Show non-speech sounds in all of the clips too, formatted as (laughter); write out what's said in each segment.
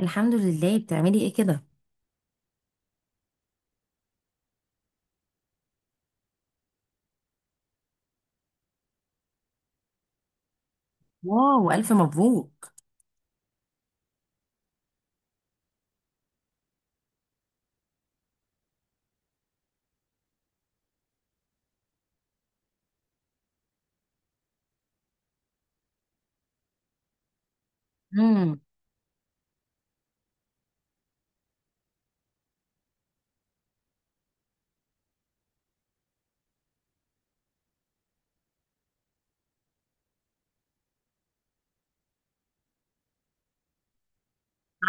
الحمد لله. بتعملي ايه كده؟ واو، الف مبروك. امم.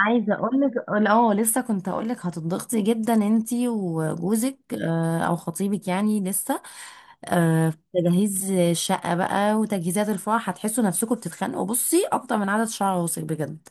عايزه اقول لك. اه لسه كنت اقول لك هتضغطي جدا انتي وجوزك، او خطيبك، يعني لسه في تجهيز الشقه بقى وتجهيزات الفرح هتحسوا نفسكم بتتخانقوا. بصي، اكتر من عدد شعر راسك بجد.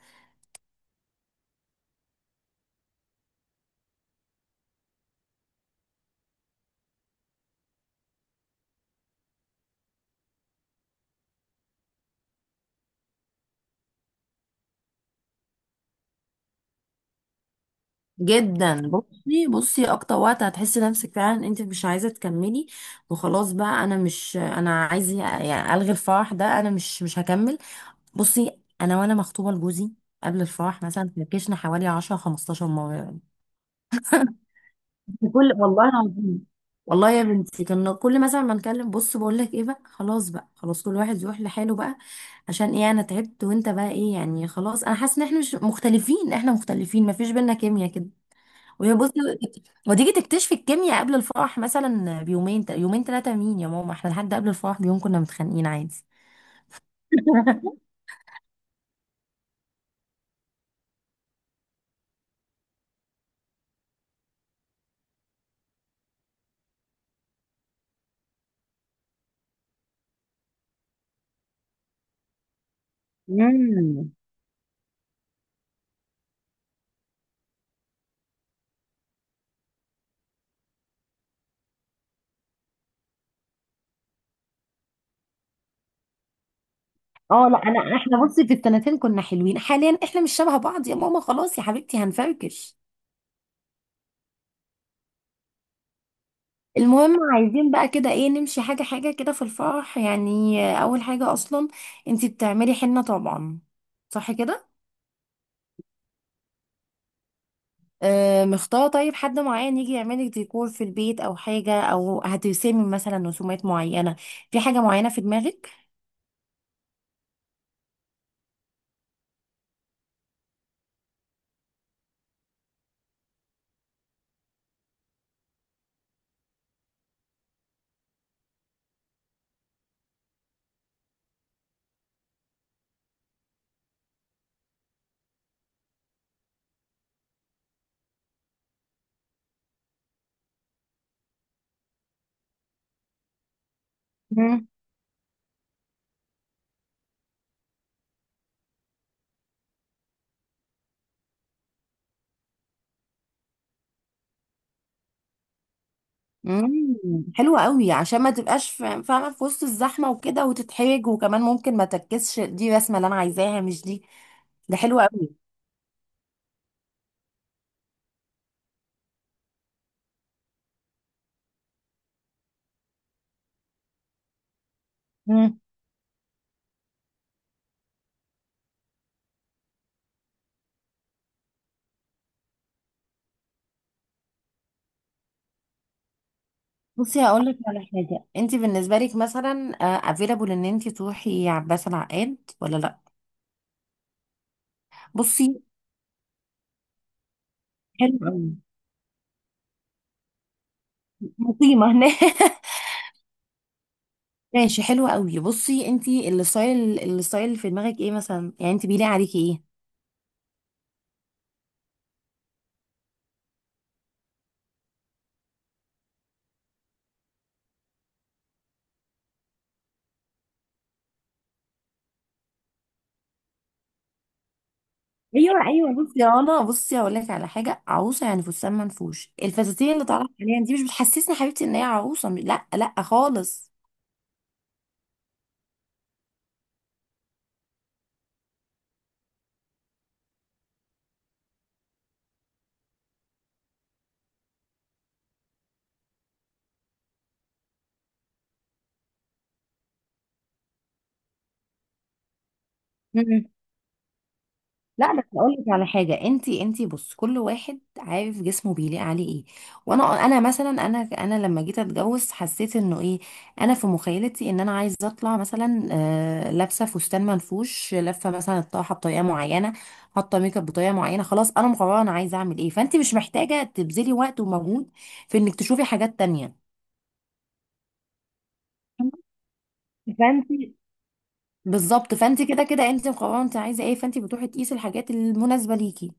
جدا. بصي بصي، اكتر وقت هتحسي نفسك فعلا انت مش عايزه تكملي وخلاص بقى. انا مش، انا عايزه يعني الغي الفرح ده، انا مش هكمل. بصي انا، وانا مخطوبه لجوزي قبل الفرح مثلا فركشنا حوالي 10 15 مره يعني، بكل والله العظيم. والله يا بنتي كنا كل مثلا ما نكلم بص بقول لك ايه بقى خلاص بقى خلاص، كل واحد يروح لحاله بقى. عشان ايه؟ انا تعبت وانت بقى ايه يعني؟ خلاص، انا حاسه ان احنا مش مختلفين، احنا مختلفين، ما فيش بينا كيمياء كده. وهي بصي، وتيجي تكتشفي الكيمياء قبل الفرح مثلا بيومين، يومين ثلاثه. مين يا ماما؟ احنا لحد قبل الفرح بيوم كنا متخانقين عادي. (laughs) مم. اه لا، انا احنا بصي في السنتين كنا حلوين، حاليا احنا مش شبه بعض يا ماما، خلاص يا حبيبتي هنفركش. المهم، عايزين بقى كده ايه، نمشي حاجة حاجة كده في الفرح. يعني اول حاجة اصلا، انتي بتعملي حنة طبعا، صح كده؟ آه. مختارة طيب حد معين يجي يعملك ديكور في البيت او حاجة، او هترسمي مثلا رسومات معينة، في حاجة معينة في دماغك؟ امم، حلوة قوي، عشان ما تبقاش فاهمة في وسط الزحمة وكده وتتحرج، وكمان ممكن ما تركزش، دي الرسمة اللي انا عايزاها مش دي. ده حلوة قوي. امم. بصي هقول لك على حاجة، انت بالنسبة لك مثلا افيلابل ان انت تروحي عباس العقاد ولا لا؟ بصي، حلو قوي. مقيمة هناك. (laughs) ماشي، حلوة قوي. بصي، انت الستايل، الستايل اللي في دماغك ايه مثلا؟ يعني انت بيليق عليكي ايه؟ ايوه ايوه. بصي يا رنا، بصي هقول لك على حاجه، عروسه يعني فستان منفوش، الفساتين اللي طالعه حاليا دي مش بتحسسني حبيبتي ان هي عروسه، لا لا خالص. لا بس اقول لك على حاجه، انت بص، كل واحد عارف جسمه بيليق عليه ايه. وانا، انا مثلا، انا لما جيت اتجوز حسيت انه ايه، انا في مخيلتي ان انا عايزه اطلع مثلا لابسه فستان منفوش، لفه مثلا الطرحه بطريقه معينه، حاطه ميك اب بطريقه معينه. خلاص، انا مقرره انا عايزه اعمل ايه، فانت مش محتاجه تبذلي وقت ومجهود في انك تشوفي حاجات تانية. فانت، بالظبط، فانت كده كده انت مقرره انت عايزه ايه، فانت بتروحي تقيسي الحاجات المناسبه ليكي.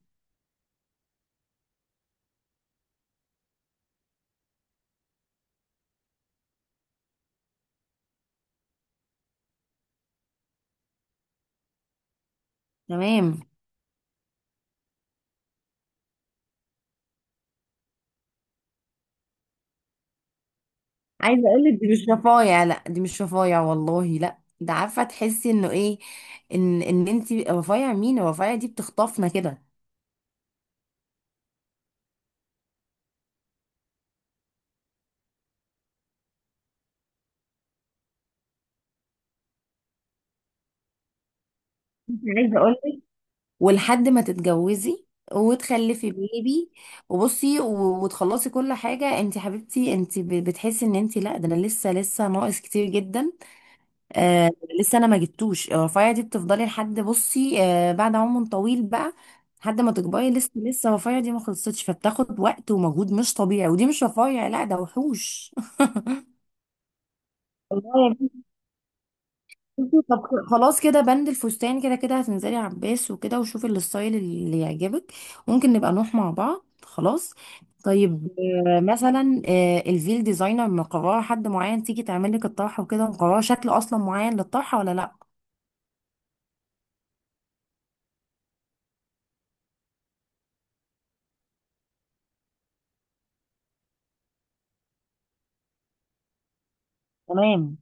تمام. عايزه اقول لك، دي مش رفايع، لا دي مش رفايع والله، لا ده عارفه تحسي انه ايه، ان انت، رفايع مين؟ الرفايع دي بتخطفنا كده. انت عايزه اقول لك، ولحد ما تتجوزي وتخلفي بيبي وبصي وتخلصي كل حاجه، انت حبيبتي انت بتحسي ان انت لا، ده انا لسه لسه ناقص كتير جدا. آه. لسه انا ما جبتوش الرفاية دي، بتفضلي لحد بصي آه بعد عمر طويل بقى، لحد ما تكبري لسه لسه الرفاية دي ما خلصتش، فبتاخد وقت ومجهود مش طبيعي. ودي مش رفاية، لا ده وحوش. والله يا بنتي. (laughs) طب، خلاص كده بند الفستان. كده كده هتنزلي عباس وكده وشوفي الستايل اللي يعجبك، ممكن نبقى نروح مع بعض. خلاص. طيب مثلا الفيل ديزاينر، مقرره حد معين تيجي تعمل لك الطرحه وكده؟ مقرره شكل اصلا معين للطرحه ولا لا؟ تمام.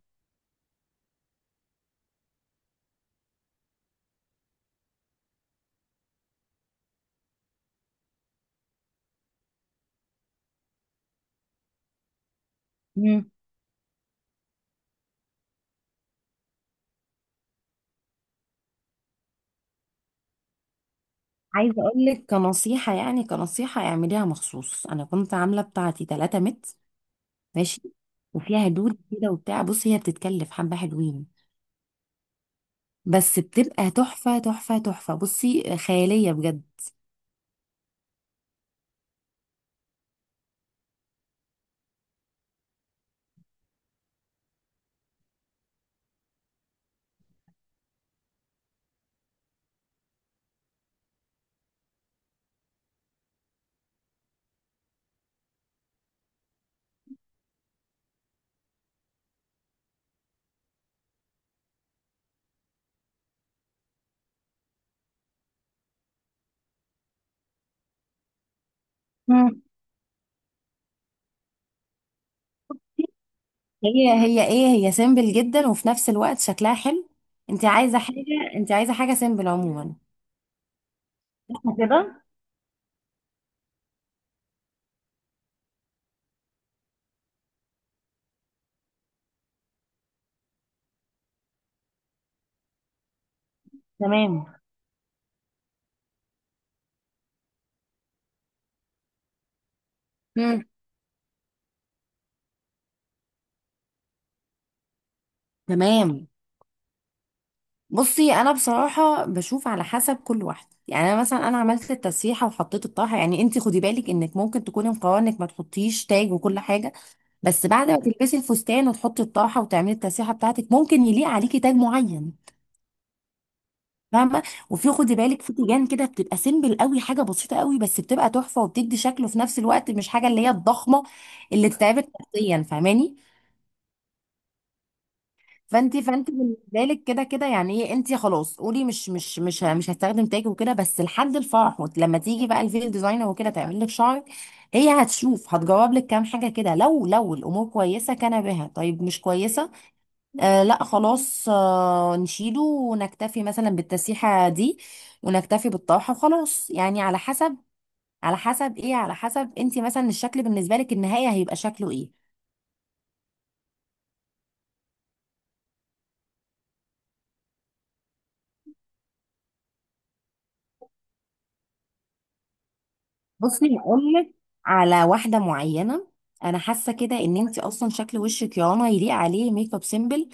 عايزه اقول لك كنصيحه، يعني كنصيحه اعمليها مخصوص. انا كنت عامله بتاعتي 3 متر، ماشي، وفيها دود كده وبتاع. بصي، هي بتتكلف حبه حلوين، بس بتبقى تحفه تحفه تحفه، بصي خياليه بجد. مم. هي ايه، هي سيمبل جدا وفي نفس الوقت شكلها حلو. انت عايزه حاجه، انت عايزه حاجه سيمبل عموما، صح كده؟ تمام. مم. تمام. بصي انا بصراحه بشوف على حسب كل واحده. يعني انا مثلا انا عملت التسريحه وحطيت الطرحه، يعني انت خدي بالك انك ممكن تكوني مقرره انك ما تحطيش تاج وكل حاجه، بس بعد ما تلبسي الفستان وتحطي الطرحه وتعملي التسريحه بتاعتك ممكن يليق عليكي تاج معين. فاهمه؟ وفي، خدي بالك، في تيجان كده بتبقى سيمبل قوي، حاجه بسيطه قوي بس بتبقى تحفه وبتدي شكله في نفس الوقت، مش حاجه اللي هي الضخمه اللي تتعبك نفسيا. فاهماني؟ فانت، فانت بالنسبه لك كده كده يعني ايه، انت خلاص قولي مش هستخدم تاج وكده. بس لحد الفرح، لما تيجي بقى الفيل ديزاينر وكده تعمل لك شعرك، هي هتشوف هتجاوب لك كام حاجه كده. لو الامور كويسه كان بها، طيب مش كويسه لا خلاص نشيله، ونكتفي مثلا بالتسريحه دي ونكتفي بالطرحه وخلاص. يعني على حسب، على حسب ايه، على حسب انت مثلا الشكل بالنسبه لك النهايه هيبقى شكله ايه. بصي هقول لك على واحده معينه، انا حاسه كده ان انت اصلا شكل وشك يا رنا يليق عليه ميك اب سيمبل.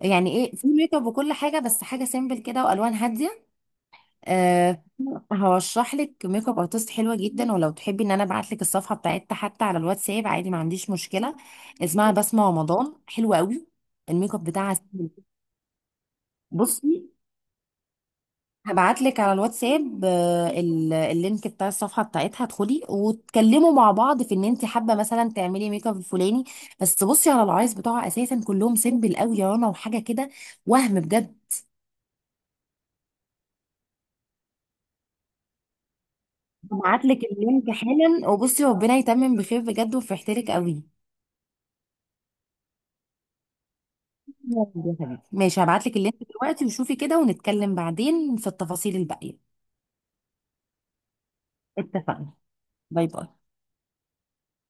يعني ايه، في ميك اب وكل حاجه بس حاجه سيمبل كده والوان هاديه. أه. هرشح لك ميك اب ارتست حلوه جدا، ولو تحبي ان انا ابعت لك الصفحه بتاعتها حتى على الواتساب عادي، ما عنديش مشكله. اسمها بسمه رمضان، حلوه قوي، الميك اب بتاعها سيمبل. بصي هبعت لك على الواتساب اللينك بتاع الصفحه بتاعتها، ادخلي وتكلموا مع بعض في ان انت حابه مثلا تعملي ميك اب الفلاني. بس بصي على العرايس بتوعها اساسا كلهم سيمبل قوي يا رنا وحاجه كده، وهم بجد. هبعت لك اللينك حالا. وبصي، ربنا يتمم بخير بجد، وفرحت لك قوي. يا رب يا حبيبتي. ماشي، هبعت لك اللينك دلوقتي وشوفي كده، ونتكلم بعدين في التفاصيل الباقيه. اتفقنا، باي باي.